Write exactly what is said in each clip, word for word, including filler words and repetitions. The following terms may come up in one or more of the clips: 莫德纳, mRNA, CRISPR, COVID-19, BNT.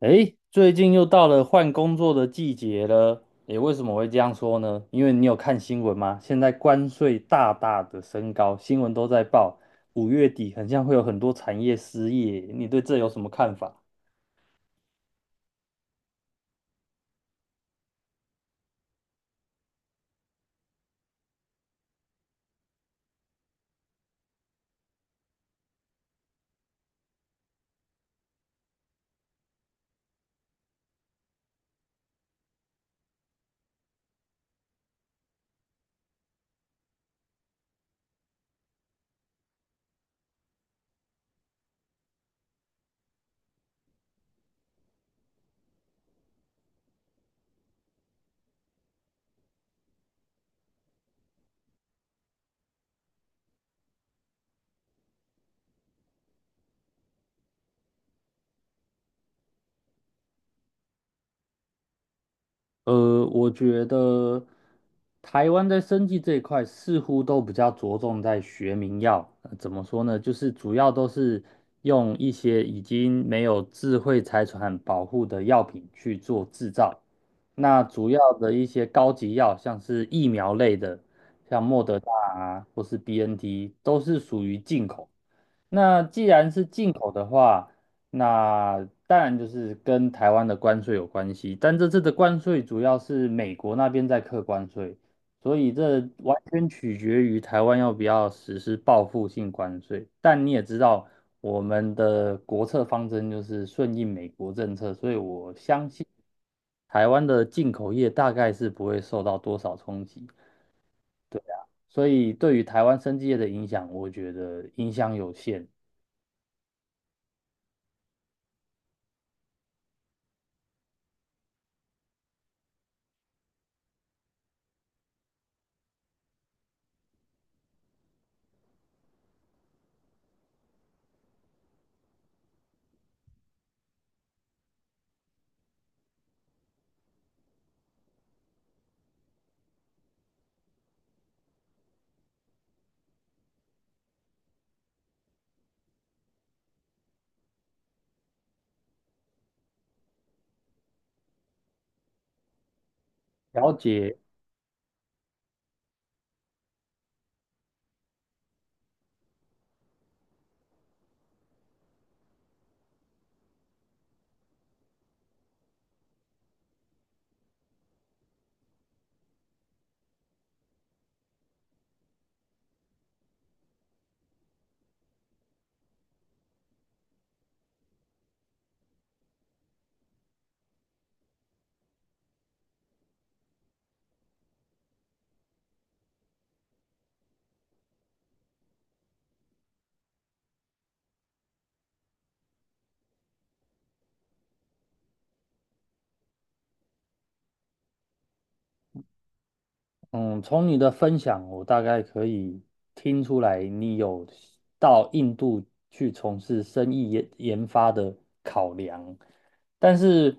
诶，最近又到了换工作的季节了。诶，为什么会这样说呢？因为你有看新闻吗？现在关税大大的升高，新闻都在报，五月底很像会有很多产业失业。你对这有什么看法？呃，我觉得台湾在生技这一块似乎都比较着重在学名药，呃怎么说呢？就是主要都是用一些已经没有智慧财产保护的药品去做制造。那主要的一些高级药，像是疫苗类的，像莫德纳啊，或是 B N T,都是属于进口。那既然是进口的话，那当然就是跟台湾的关税有关系，但这次的关税主要是美国那边在课关税，所以这完全取决于台湾要不要实施报复性关税。但你也知道，我们的国策方针就是顺应美国政策，所以我相信台湾的进口业大概是不会受到多少冲击。对啊，所以对于台湾生技业的影响，我觉得影响有限。了解。嗯，从你的分享，我大概可以听出来，你有到印度去从事生意研研发的考量，但是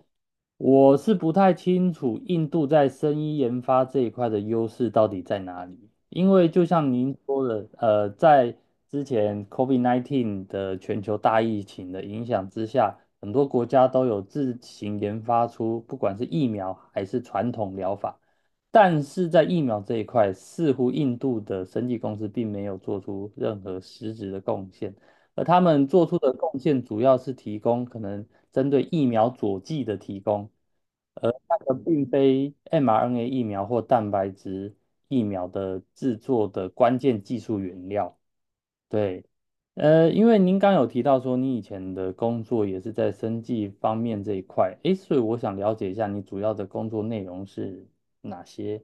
我是不太清楚印度在生意研发这一块的优势到底在哪里，因为就像您说的，呃，在之前 COVID 十九 的全球大疫情的影响之下，很多国家都有自行研发出不管是疫苗还是传统疗法。但是在疫苗这一块，似乎印度的生技公司并没有做出任何实质的贡献，而他们做出的贡献主要是提供可能针对疫苗佐剂的提供，而那个并非 mRNA 疫苗或蛋白质疫苗的制作的关键技术原料。对，呃，因为您刚有提到说你以前的工作也是在生技方面这一块，诶，所以我想了解一下你主要的工作内容是哪些？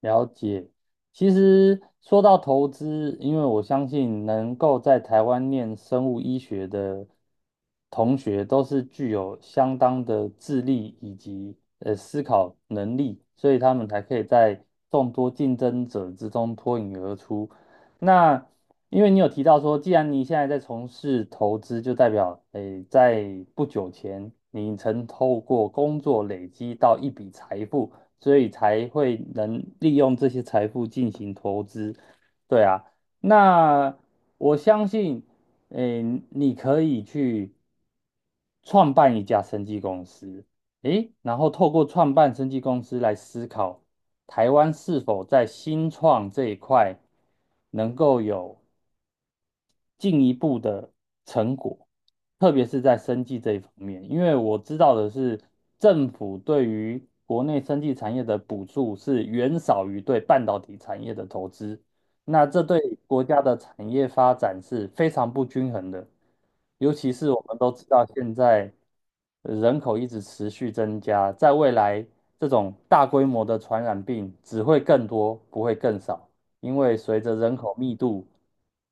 了解，其实说到投资，因为我相信能够在台湾念生物医学的同学，都是具有相当的智力以及呃思考能力，所以他们才可以在众多竞争者之中脱颖而出。那因为你有提到说，既然你现在在从事投资，就代表诶，在不久前你曾透过工作累积到一笔财富。所以才会能利用这些财富进行投资。对啊，那我相信，诶，你可以去创办一家生技公司，诶，然后透过创办生技公司来思考台湾是否在新创这一块能够有进一步的成果，特别是在生技这一方面，因为我知道的是，政府对于国内生技产业的补助是远少于对半导体产业的投资，那这对国家的产业发展是非常不均衡的，尤其是我们都知道现在呃人口一直持续增加，在未来这种大规模的传染病只会更多，不会更少。因为随着人口密度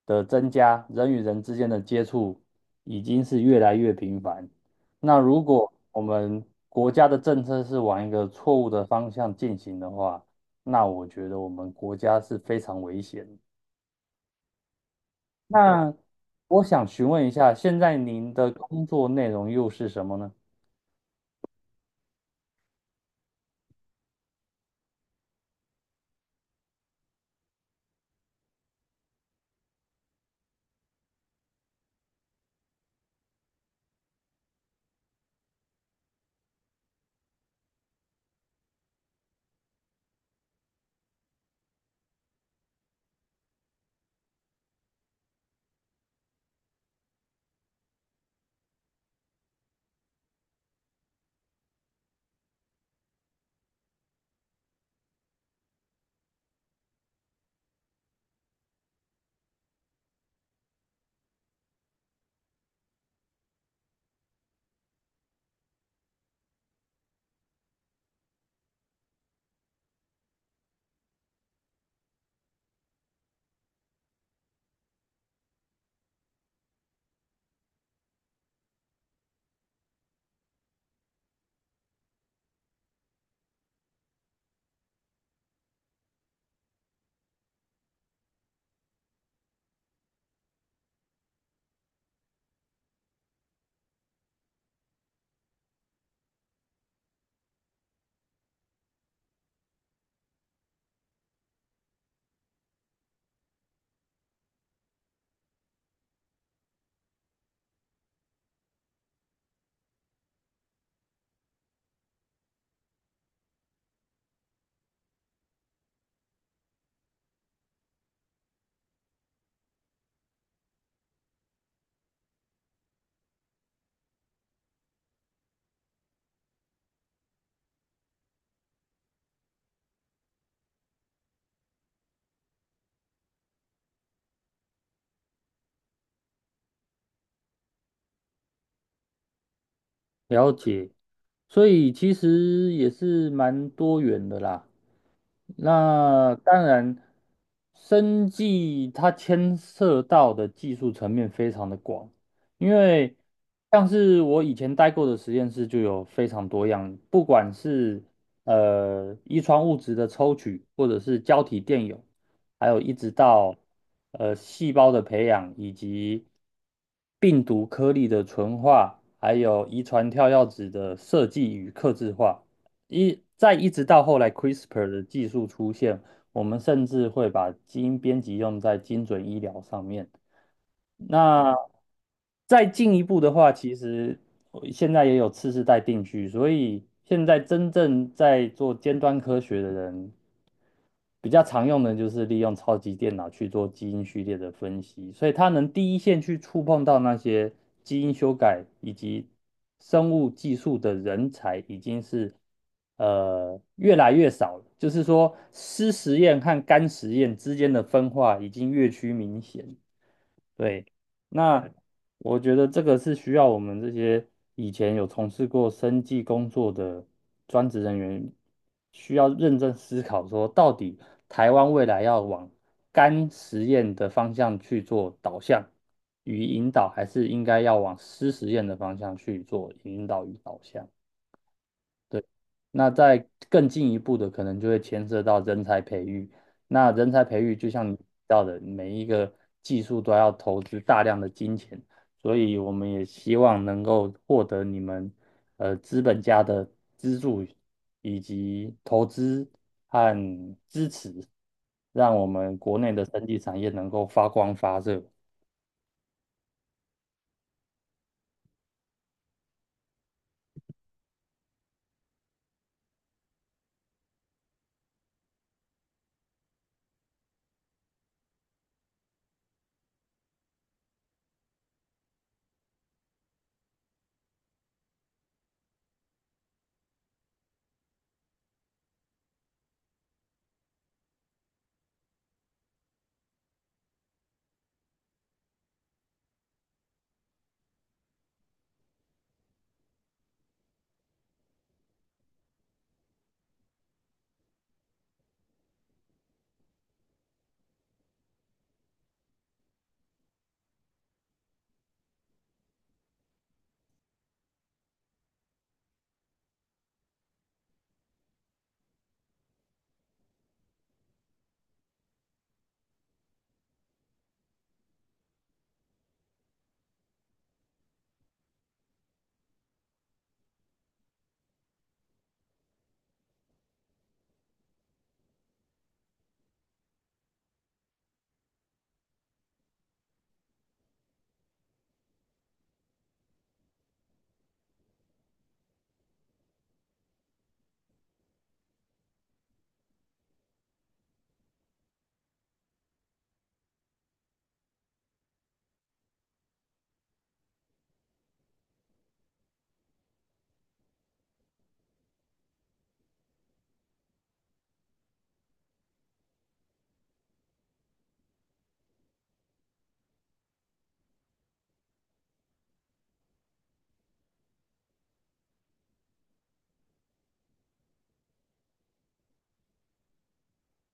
的增加，人与人之间的接触已经是越来越频繁。那如果我们国家的政策是往一个错误的方向进行的话，那我觉得我们国家是非常危险的。那我想询问一下，现在您的工作内容又是什么呢？了解，所以其实也是蛮多元的啦。那当然，生技它牵涉到的技术层面非常的广，因为像是我以前待过的实验室就有非常多样，不管是呃遗传物质的抽取，或者是胶体电泳，还有一直到呃细胞的培养，以及病毒颗粒的纯化，还有遗传跳药子的设计与克制化。一在一直到后来 CRISPR 的技术出现，我们甚至会把基因编辑用在精准医疗上面。那再进一步的话，其实我现在也有次世代定序，所以现在真正在做尖端科学的人，比较常用的就是利用超级电脑去做基因序列的分析，所以它能第一线去触碰到那些基因修改以及生物技术的人才，已经是呃越来越少了。就是说，湿实验和干实验之间的分化已经越趋明显。对，那我觉得这个是需要我们这些以前有从事过生计工作的专职人员，需要认真思考说，到底台湾未来要往干实验的方向去做导向与引导，还是应该要往湿实验的方向去做引导与导向？对。那再更进一步的，可能就会牵涉到人才培育。那人才培育，就像你提到的，每一个技术都要投资大量的金钱，所以我们也希望能够获得你们呃资本家的资助以及投资和支持，让我们国内的生技产业能够发光发热。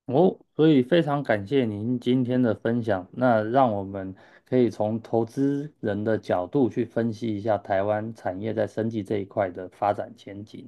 哦，所以非常感谢您今天的分享。那让我们可以从投资人的角度去分析一下台湾产业在生技这一块的发展前景。